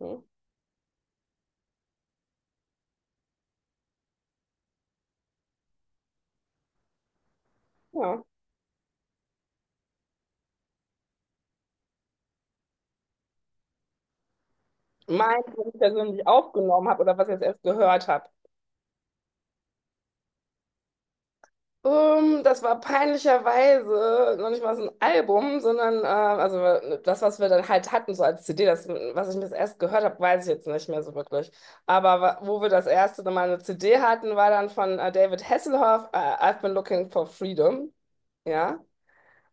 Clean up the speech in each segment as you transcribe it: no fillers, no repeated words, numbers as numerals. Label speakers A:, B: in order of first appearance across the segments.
A: Hm, ja. Mein, was ich persönlich aufgenommen habe oder was ich jetzt erst gehört habe? Das war peinlicherweise noch nicht mal so ein Album, sondern also das, was wir dann halt hatten, so als CD. Das, was ich mir das erst gehört habe, weiß ich jetzt nicht mehr so wirklich. Aber wo wir das erste Mal eine CD hatten, war dann von David Hasselhoff, I've been looking for freedom. Ja.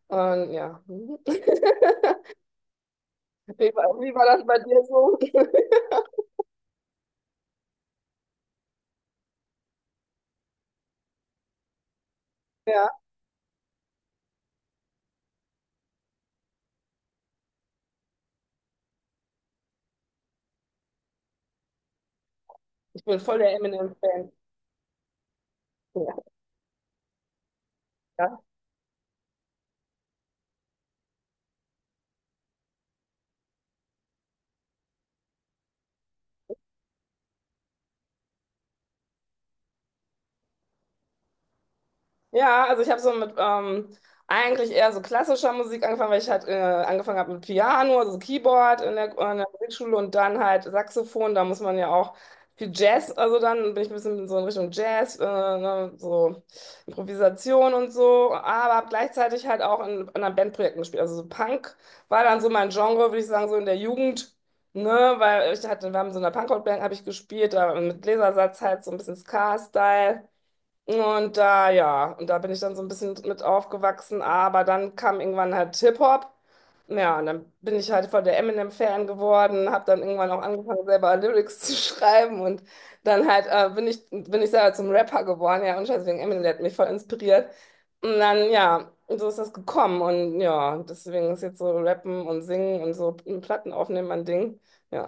A: Und ja. Wie war das bei dir so? Ja, ich bin voll der Eminem-Fan. Ja. Ja, also ich habe so mit eigentlich eher so klassischer Musik angefangen, weil ich halt angefangen habe mit Piano, also so Keyboard in der Musikschule und dann halt Saxophon. Da muss man ja auch viel Jazz, also dann bin ich ein bisschen so in Richtung Jazz, ne, so Improvisation und so, aber habe gleichzeitig halt auch in einer Bandprojekten gespielt. Also so Punk war dann so mein Genre, würde ich sagen, so in der Jugend. Ne, weil ich hatte, wir haben so in einer Punkrock-Band habe ich gespielt, da mit Gläsersatz halt so ein bisschen Ska-Style. Und da, ja, und da bin ich dann so ein bisschen mit aufgewachsen, aber dann kam irgendwann halt Hip-Hop. Ja, und dann bin ich halt voll der Eminem-Fan geworden, habe dann irgendwann auch angefangen, selber Lyrics zu schreiben und dann halt bin ich selber zum Rapper geworden, ja, und scheiße, wegen Eminem, der hat mich voll inspiriert. Und dann, ja, so ist das gekommen und ja, deswegen ist jetzt so Rappen und Singen und so Platten aufnehmen mein Ding, ja.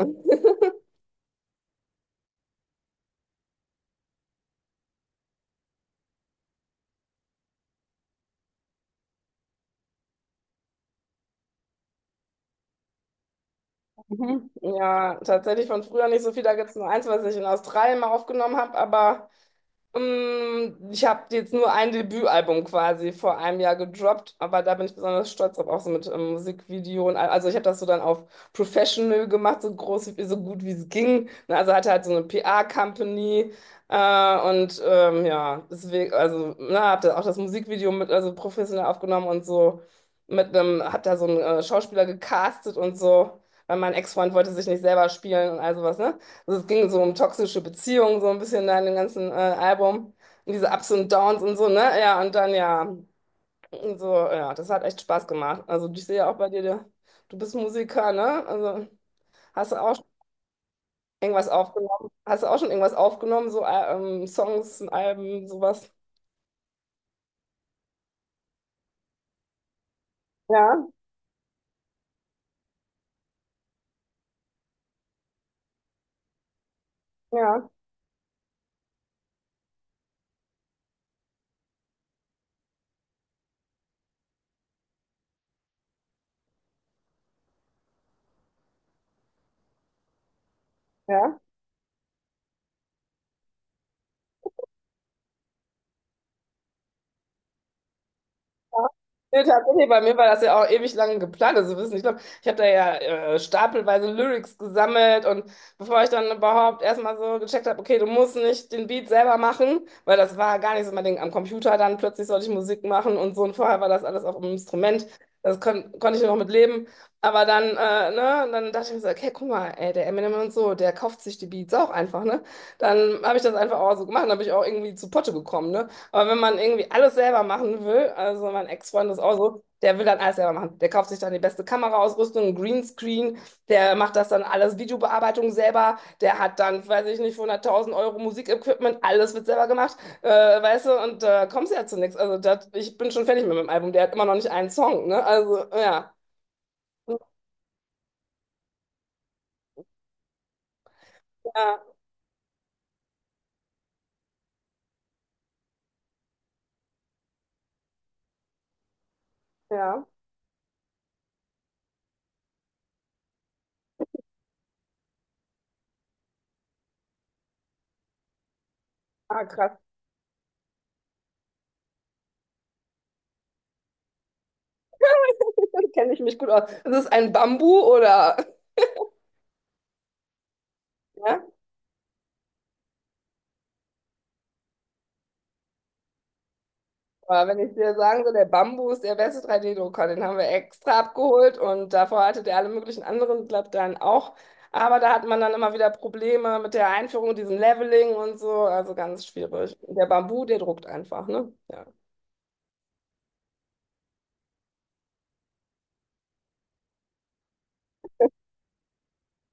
A: Mhm. Ja, tatsächlich von früher nicht so viel. Da gibt es nur eins, was ich in Australien mal aufgenommen habe, aber ich habe jetzt nur ein Debütalbum quasi vor einem Jahr gedroppt, aber da bin ich besonders stolz drauf, auch so mit Musikvideo und also ich habe das so dann auf Professional gemacht, so groß, so gut wie es ging. Ne, also hatte halt so eine PR-Company ja, deswegen, also na, habe da auch das Musikvideo mit also professionell aufgenommen und so mit einem, hat da so einen Schauspieler gecastet und so, weil mein Ex-Freund wollte sich nicht selber spielen und all sowas, ne? Also es ging so um toxische Beziehungen, so ein bisschen da in dem ganzen Album. Und diese Ups und Downs und so, ne? Ja, und dann ja, so, ja, das hat echt Spaß gemacht. Also ich sehe ja auch bei dir, du bist Musiker, ne? Also hast du auch schon irgendwas aufgenommen? Hast du auch schon irgendwas aufgenommen? So Songs, Alben, sowas? Ja, ja, ja. Ja. Nee, tatsächlich, bei mir war das ja auch ewig lange geplant. Also wissen, ich glaube, ich habe da ja stapelweise Lyrics gesammelt und bevor ich dann überhaupt erstmal so gecheckt habe, okay, du musst nicht den Beat selber machen, weil das war gar nicht so mein Ding. Am Computer dann plötzlich sollte ich Musik machen und so und vorher war das alles auf dem Instrument. Das konnte ich noch mit leben. Aber dann, ne, und dann dachte ich mir so, okay, guck mal, ey, der Eminem und so, der kauft sich die Beats auch einfach, ne? Dann habe ich das einfach auch so gemacht, dann bin ich auch irgendwie zu Potte gekommen, ne? Aber wenn man irgendwie alles selber machen will, also mein Ex-Freund ist auch so, der will dann alles selber machen. Der kauft sich dann die beste Kameraausrüstung, einen Greenscreen, der macht das dann alles, Videobearbeitung selber, der hat dann, weiß ich nicht, für 100.000 € Musikequipment, alles wird selber gemacht, äh, weißt du, und da kommst du ja zu nichts. Also das, ich bin schon fertig mit meinem Album, der hat immer noch nicht einen Song, ne? Also ja, ja, ja. Ah, krass, kenne ich mich gut aus. Ist es ein Bambu oder? Ja? Aber wenn ich dir sagen soll, der Bambus, der beste 3D-Drucker, den haben wir extra abgeholt und davor hatte der alle möglichen anderen dann auch. Aber da hat man dann immer wieder Probleme mit der Einführung, diesem Leveling und so, also ganz schwierig. Und der Bambu, der druckt einfach, ne? Ja,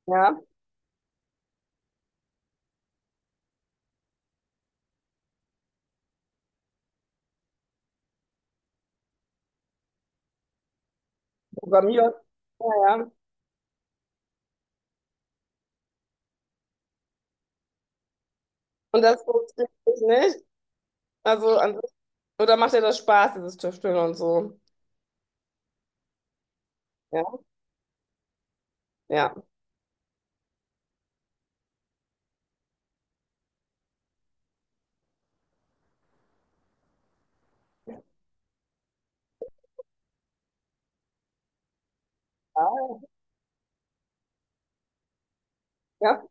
A: ja, Programmierer. Ja, ja. Und das funktioniert nicht. Also an sich, oder macht dir das Spaß, dieses Tüfteln und so? Ja, ja. Ah, ja.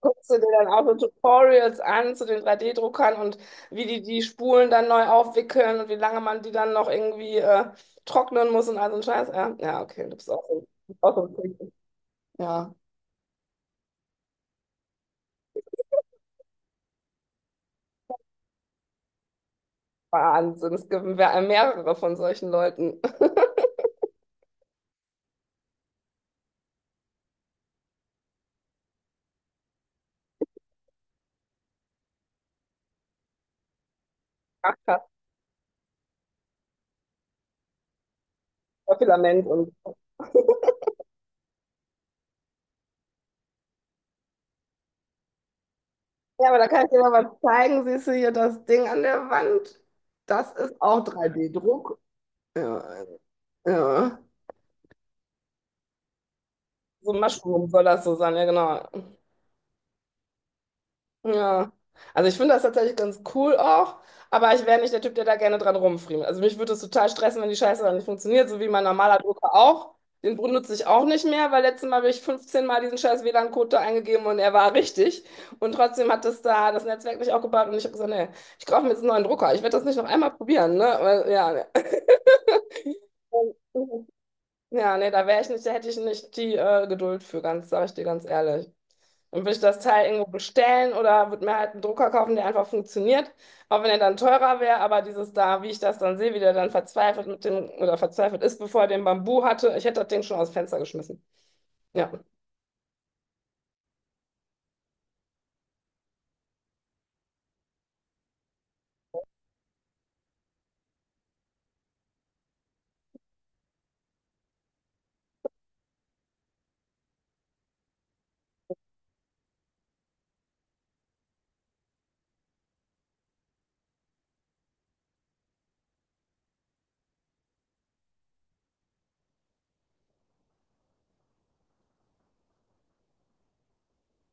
A: Guckst du dir dann auch so Tutorials an zu den 3D-Druckern und wie die die Spulen dann neu aufwickeln und wie lange man die dann noch irgendwie trocknen muss und all so ein Scheiß? Ja, ja, okay, du bist auch so ein Freak. Ja, Wahnsinn. Es gibt mehrere von solchen Leuten. Ach, krass, voll Filament und. Ja, aber da kann ich dir mal was zeigen. Siehst du hier das Ding an der Wand? Das ist auch 3D-Druck. Ja, ja. So ein Mushroom soll das so sein, ja, genau. Ja, also ich finde das tatsächlich ganz cool auch, aber ich wäre nicht der Typ, der da gerne dran rumfriemelt. Also mich würde es total stressen, wenn die Scheiße dann nicht funktioniert, so wie mein normaler Drucker auch. Den benutze ich auch nicht mehr, weil letztes Mal habe ich 15 Mal diesen scheiß WLAN-Code da eingegeben und er war richtig. Und trotzdem hat das da das Netzwerk nicht aufgebaut und ich habe gesagt, nee, ich kaufe mir jetzt einen neuen Drucker. Ich werde das nicht noch einmal probieren, ne? Weil, ja, ne. Ja, nee, da wäre ich nicht, da hätte ich nicht die Geduld für, ganz, sage ich dir ganz ehrlich. Und würde ich das Teil irgendwo bestellen oder würde mir halt einen Drucker kaufen, der einfach funktioniert, auch wenn er dann teurer wäre, aber dieses da, wie ich das dann sehe, wie der dann verzweifelt mit dem oder verzweifelt ist, bevor er den Bambu hatte, ich hätte das Ding schon aus dem Fenster geschmissen. Ja.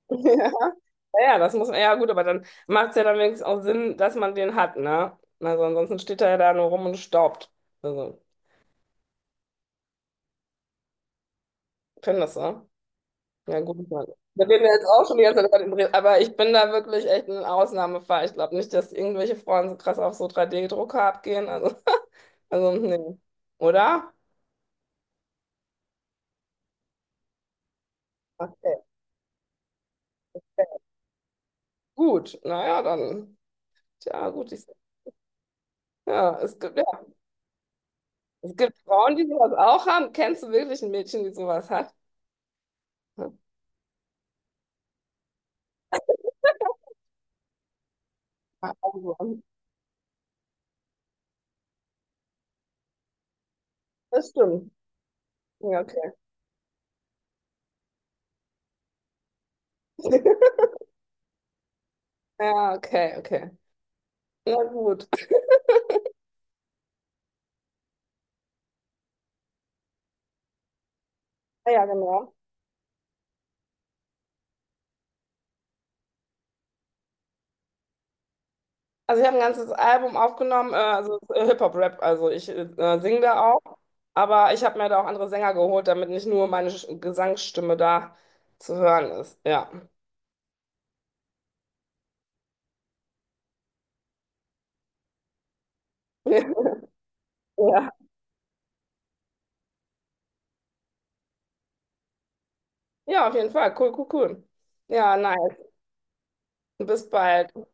A: Ja, ja, das muss man, ja gut, aber dann macht es ja dann wenigstens auch Sinn, dass man den hat, ne? Also ansonsten steht er ja da nur rum und staubt. Also, ich kenn das, ne? Ja, gut, Mann. Wir reden ja jetzt auch schon die ganze Zeit über den Dreh, aber ich bin da wirklich echt ein Ausnahmefall. Ich glaube nicht, dass irgendwelche Frauen so krass auf so 3D-Drucker abgehen. Also, also nee. Oder? Okay. Gut, naja, dann. Tja, gut. Ich, ja, es gibt Frauen, die sowas auch haben. Kennst du wirklich ein Mädchen, die sowas hat? Ja, also, das stimmt. Ja, okay. Ja, okay, okay. Na gut. Ja, ja, genau. Also ich habe ein ganzes Album aufgenommen, also Hip-Hop-Rap, also ich singe da auch, aber ich habe mir da auch andere Sänger geholt, damit nicht nur meine Gesangsstimme da zu hören ist. Ja. Ja. Ja, auf jeden Fall. Cool, cool, cool. Ja, nice. Bis bald.